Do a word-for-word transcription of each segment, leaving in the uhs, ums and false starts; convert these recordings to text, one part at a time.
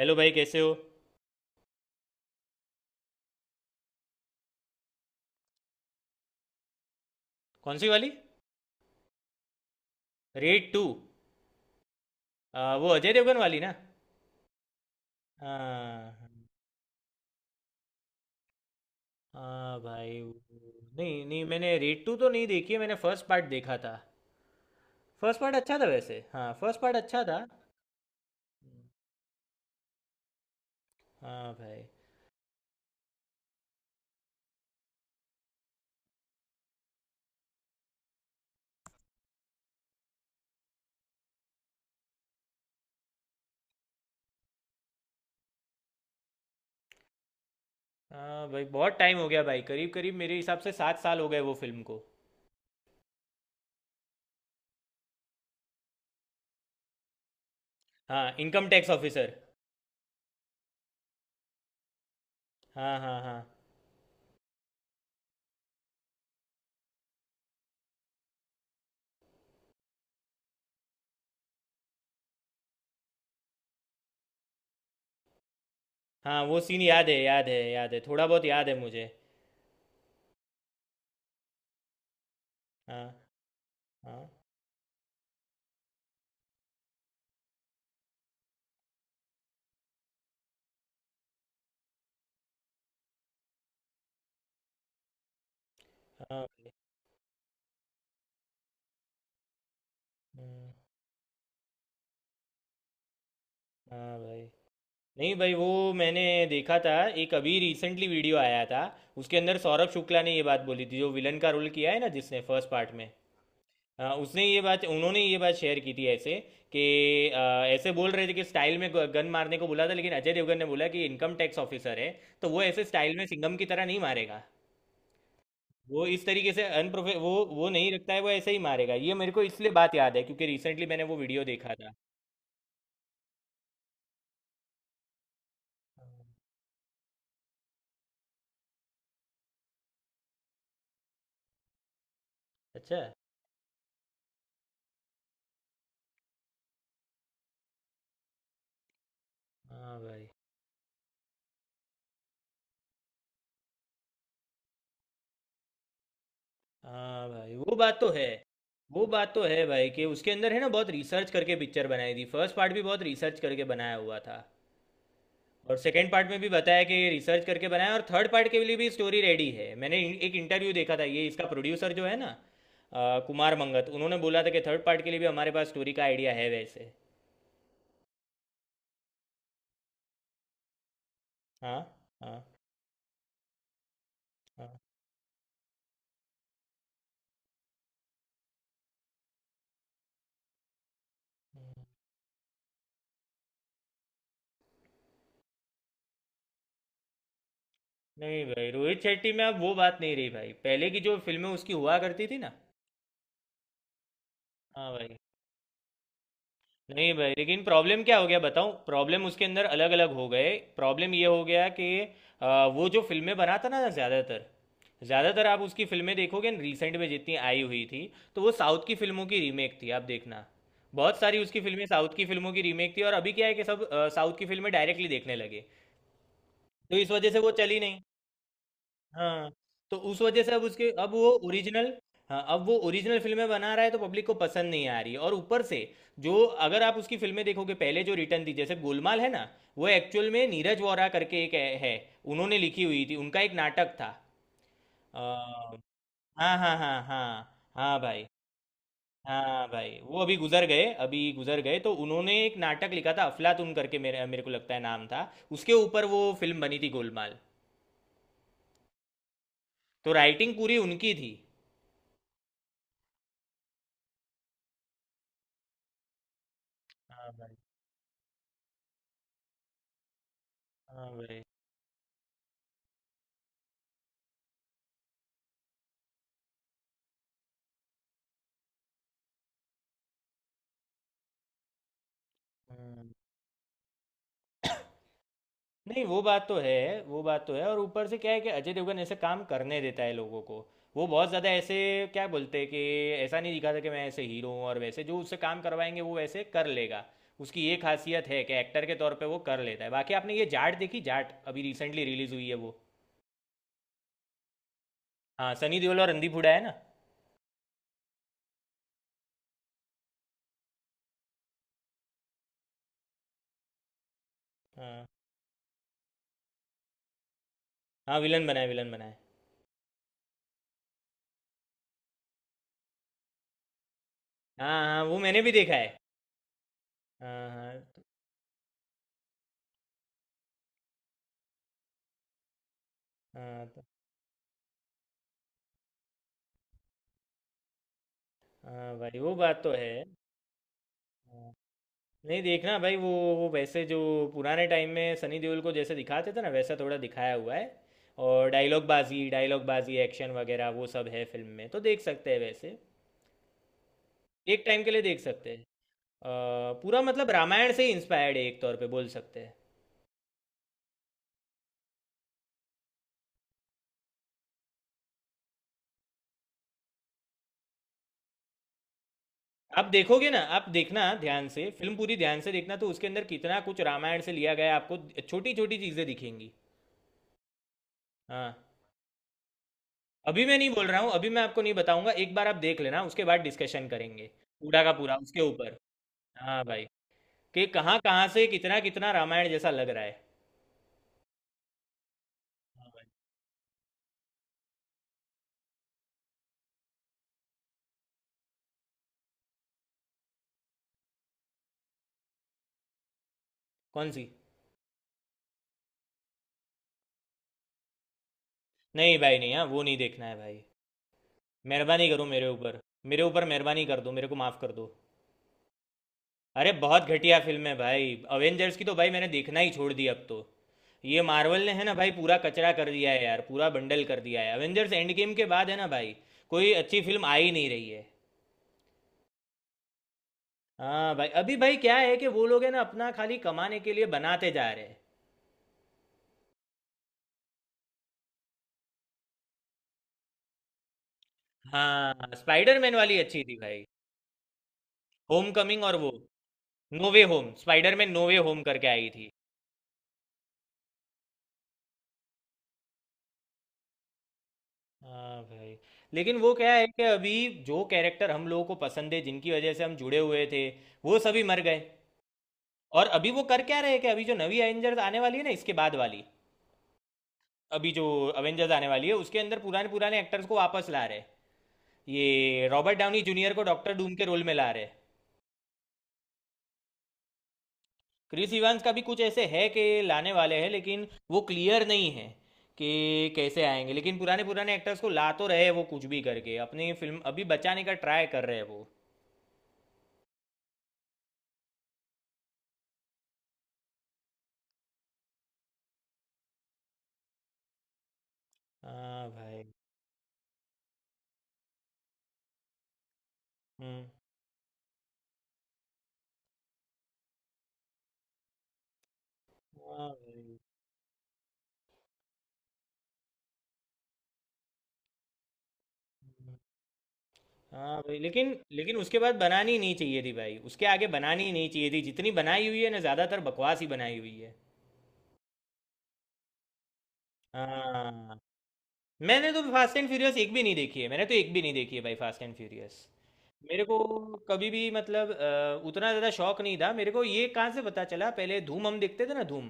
Hello भाई, कैसे हो। कौन सी वाली? Raid to. वो अजय देवगन वाली ना? हाँ। हाँ भाई वो- नहीं नहीं, मैंने रेड टू तो नहीं देखी है। मैंने फर्स्ट पार्ट देखा था। फर्स्ट पार्ट अच्छा था, वैसे। हाँ, फर्स्ट पार्ट अच्छा था। हाँ भाई। हाँ भाई, बहुत टाइम हो गया भाई, करीब करीब मेरे हिसाब से सात साल हो गए वो फिल्म को। हाँ, इनकम टैक्स ऑफिसर। हाँ हाँ हाँ। हाँ, वो सीन याद है, याद है, याद है, थोड़ा बहुत याद है मुझे। हाँ। हाँ। हाँ। हम्म, हाँ भाई। नहीं भाई, वो मैंने देखा था एक अभी रिसेंटली वीडियो आया था उसके अंदर। सौरभ शुक्ला ने ये बात बोली थी, जो विलन का रोल किया है ना जिसने फर्स्ट पार्ट में। हाँ, उसने ये बात, उन्होंने ये बात शेयर की थी ऐसे कि अ, ऐसे बोल रहे थे कि स्टाइल में गन मारने को बोला था, लेकिन अजय देवगन ने बोला कि इनकम टैक्स ऑफिसर है तो वो ऐसे स्टाइल में सिंघम की तरह नहीं मारेगा। वो इस तरीके से अनप्रोफे वो वो नहीं रखता है। वो ऐसे ही मारेगा। ये मेरे को इसलिए बात याद है, क्योंकि रिसेंटली मैंने वो वीडियो देखा था। अच्छा। हाँ भाई। हाँ भाई, वो बात तो है। वो बात तो है भाई, कि उसके अंदर है ना, बहुत रिसर्च करके पिक्चर बनाई थी। फर्स्ट पार्ट भी बहुत रिसर्च करके बनाया हुआ था। और सेकंड पार्ट में भी बताया कि रिसर्च करके बनाया, और थर्ड पार्ट के लिए भी स्टोरी रेडी है। मैंने इन- एक इंटरव्यू देखा था, ये इसका प्रोड्यूसर जो है ना, अ, कुमार मंगत, उन्होंने बोला था कि थर्ड पार्ट के लिए भी हमारे पास स्टोरी का आइडिया है वैसे। हाँ हाँ हाँ। नहीं भाई, रोहित शेट्टी में अब वो बात नहीं रही भाई, पहले की जो फिल्में उसकी हुआ करती थी ना। हाँ भाई। नहीं भाई, लेकिन प्रॉब्लम क्या हो गया बताऊं? प्रॉब्लम, उसके अंदर अलग अलग हो गए। प्रॉब्लम ये हो गया कि आ, वो जो फिल्में बनाता ना ज़्यादातर, ज़्यादातर आप उसकी फिल्में देखोगे न रिसेंट में जितनी आई हुई थी, तो वो साउथ की फिल्मों की रीमेक थी। आप देखना, बहुत सारी उसकी फिल्में साउथ की फिल्मों की रीमेक थी। और अभी क्या है कि सब अ, साउथ की फिल्में डायरेक्टली देखने लगे, तो इस वजह से वो चली नहीं। हाँ, तो उस वजह से अब उसके, अब वो ओरिजिनल। हाँ, अब वो ओरिजिनल फिल्में बना रहा है तो पब्लिक को पसंद नहीं आ रही है, और ऊपर से जो, अगर आप उसकी फिल्में देखोगे पहले, जो रिटर्न थी जैसे गोलमाल है ना, वो एक्चुअल में नीरज वोरा करके एक है है, उन्होंने लिखी हुई थी, उनका एक नाटक था। अ, हाँ हाँ हाँ हाँ हाँ भाई। हाँ भाई, वो अभी गुजर गए, अभी गुजर गए, तो उन्होंने एक नाटक लिखा था अफलातून करके, मेरे मेरे को लगता है नाम था। उसके ऊपर वो फिल्म बनी थी गोलमाल। तो राइटिंग पूरी उनकी थी। हाँ भाई। हाँ भाई। हम्म, नहीं वो बात तो है, वो बात तो है, और ऊपर से क्या है कि अजय देवगन ऐसे काम करने देता है लोगों को। वो बहुत ज़्यादा ऐसे क्या बोलते हैं कि ऐसा नहीं दिखाता कि मैं ऐसे हीरो हूँ, और वैसे जो उससे काम करवाएंगे वो वैसे कर लेगा। उसकी ये खासियत है कि एक्टर के तौर पे वो कर लेता है। बाकी आपने ये जाट देखी? जाट अभी रिसेंटली रिलीज हुई है वो। हाँ, सनी देओल और रणदीप हुड्डा है ना। हाँ हाँ, विलन बना है, विलन बना है। हाँ हाँ वो मैंने भी देखा है। हाँ हाँ तो- हाँ तो- हाँ भाई वो बात तो है। हाँ। नहीं देखना भाई वो। वो वैसे जो पुराने टाइम में सनी देओल को जैसे दिखाते थे ना, वैसा थोड़ा दिखाया हुआ है। और डायलॉग बाजी, डायलॉग बाजी, एक्शन वगैरह वो सब है फिल्म में, तो देख सकते हैं वैसे। एक टाइम के लिए देख सकते हैं। अ, पूरा मतलब रामायण से इंस्पायर्ड है, एक तौर पे बोल सकते हैं। आप देखोगे ना, आप देखना ध्यान से फिल्म, पूरी ध्यान से देखना तो उसके अंदर कितना कुछ रामायण से लिया गया है, आपको छोटी छोटी चीज़ें दिखेंगी। हाँ। अभी मैं नहीं बोल रहा हूँ, अभी मैं आपको नहीं बताऊंगा, एक बार आप देख लेना उसके बाद डिस्कशन करेंगे। पूरा का पूरा उसके ऊपर। हाँ भाई, कि कहाँ कहाँ से कितना कितना रामायण जैसा लग रहा है। हाँ भाई। कौन सी? नहीं भाई नहीं, हाँ वो नहीं देखना है भाई। मेहरबानी करो मेरे ऊपर। मेरे ऊपर मेहरबानी कर दो, मेरे को माफ़ कर दो। अरे बहुत घटिया फिल्म है भाई। अवेंजर्स की तो भाई मैंने देखना ही छोड़ दिया अब तो। ये मार्वल ने है ना भाई, पूरा कचरा कर दिया है यार, पूरा बंडल कर दिया है अवेंजर्स एंड गेम के बाद है ना भाई। कोई अच्छी फिल्म आ ही नहीं रही है। हाँ भाई, अभी भाई क्या है कि वो लोग है ना अपना खाली कमाने के लिए बनाते जा रहे हैं। हाँ, स्पाइडरमैन वाली अच्छी थी भाई। होम कमिंग और वो नो वे होम, स्पाइडर में नो वे होम करके आई थी। हाँ भाई। लेकिन वो क्या है कि अभी जो कैरेक्टर हम लोगों को पसंद है, जिनकी वजह से हम जुड़े हुए थे, वो सभी मर गए। और अभी वो कर क्या रहे हैं कि अभी जो नवी एवेंजर्स आने वाली है ना इसके बाद वाली, अभी जो अवेंजर्स आने वाली है उसके अंदर पुराने पुराने एक्टर्स को वापस ला रहे हैं। ये रॉबर्ट डाउनी जूनियर को डॉक्टर डूम के रोल में ला रहे हैं। क्रिस इवांस का भी कुछ ऐसे है कि लाने वाले हैं, लेकिन वो क्लियर नहीं है कि कैसे आएंगे। लेकिन पुराने पुराने एक्टर्स को ला तो रहे हैं, वो कुछ भी करके अपनी फिल्म अभी बचाने का ट्राई कर रहे हैं वो। हाँ भाई। हम्म। हाँ भाई। हाँ भाई लेकिन लेकिन उसके बाद बनानी नहीं चाहिए थी भाई, उसके आगे बनानी ही नहीं चाहिए थी जितनी बनाई हुई है ना ज़्यादातर बकवास ही बनाई हुई है। हाँ। मैंने तो फास्ट एंड फ्यूरियस एक भी नहीं देखी है, मैंने तो एक भी नहीं देखी है भाई फास्ट एंड फ्यूरियस। मेरे को कभी भी मतलब अ, उतना ज़्यादा शौक नहीं था मेरे को। ये कहाँ से पता चला, पहले धूम हम देखते थे ना, धूम।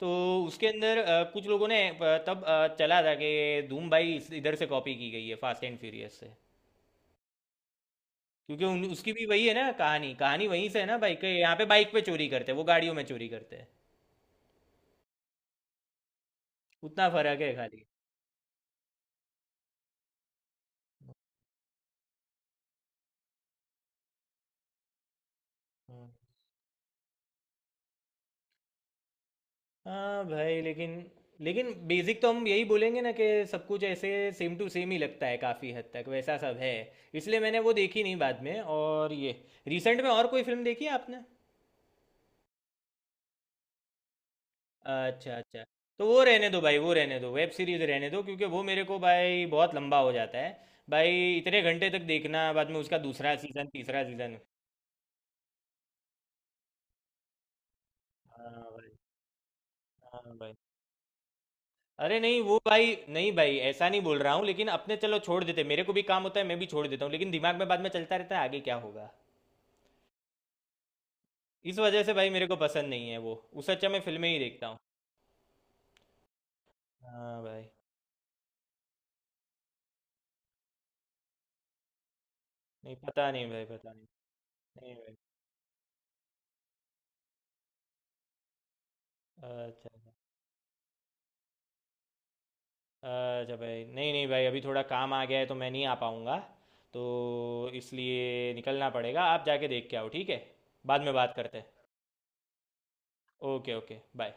तो उसके अंदर अ, कुछ लोगों ने अ, तब अ, चला था कि धूम भाई इस- इधर से कॉपी की गई है फास्ट एंड फ्यूरियस से, क्योंकि उन, उसकी भी वही है ना कहानी, कहानी वहीं से है ना भाई के। यहाँ पे बाइक पे चोरी करते हैं, वो गाड़ियों में चोरी करते हैं, उतना फर्क है खाली। हाँ भाई लेकिन लेकिन बेसिक तो हम यही बोलेंगे ना कि सब कुछ ऐसे सेम टू सेम ही लगता है, काफ़ी हद तक वैसा सब है। इसलिए मैंने वो देखी नहीं बाद में। और ये, रिसेंट में और कोई फिल्म देखी है आपने? अच्छा अच्छा। तो वो रहने दो भाई, वो रहने दो, वेब सीरीज रहने दो, क्योंकि वो मेरे को भाई बहुत लंबा हो जाता है भाई। इतने घंटे तक देखना, बाद में उसका दूसरा सीज़न, तीसरा सीज़न। हाँ भाई। हाँ भाई। अरे नहीं वो भाई, नहीं भाई ऐसा नहीं बोल रहा हूँ, लेकिन अपने चलो छोड़ देते, मेरे को भी काम होता है मैं भी छोड़ देता हूँ, लेकिन दिमाग में बाद में चलता रहता है आगे क्या होगा। इस वजह से भाई मेरे को पसंद नहीं है वो। उससे अच्छा मैं फिल्में ही देखता हूँ। हाँ भाई। नहीं पता नहीं भाई, पता नहीं। नहीं भाई। अच्छा अच्छा अच्छा भाई, नहीं नहीं भाई अभी थोड़ा काम आ गया है, तो मैं नहीं आ पाऊँगा, तो इसलिए निकलना पड़ेगा। आप जाके देख के आओ ठीक है, बाद में बात करते हैं। Okay okay bye.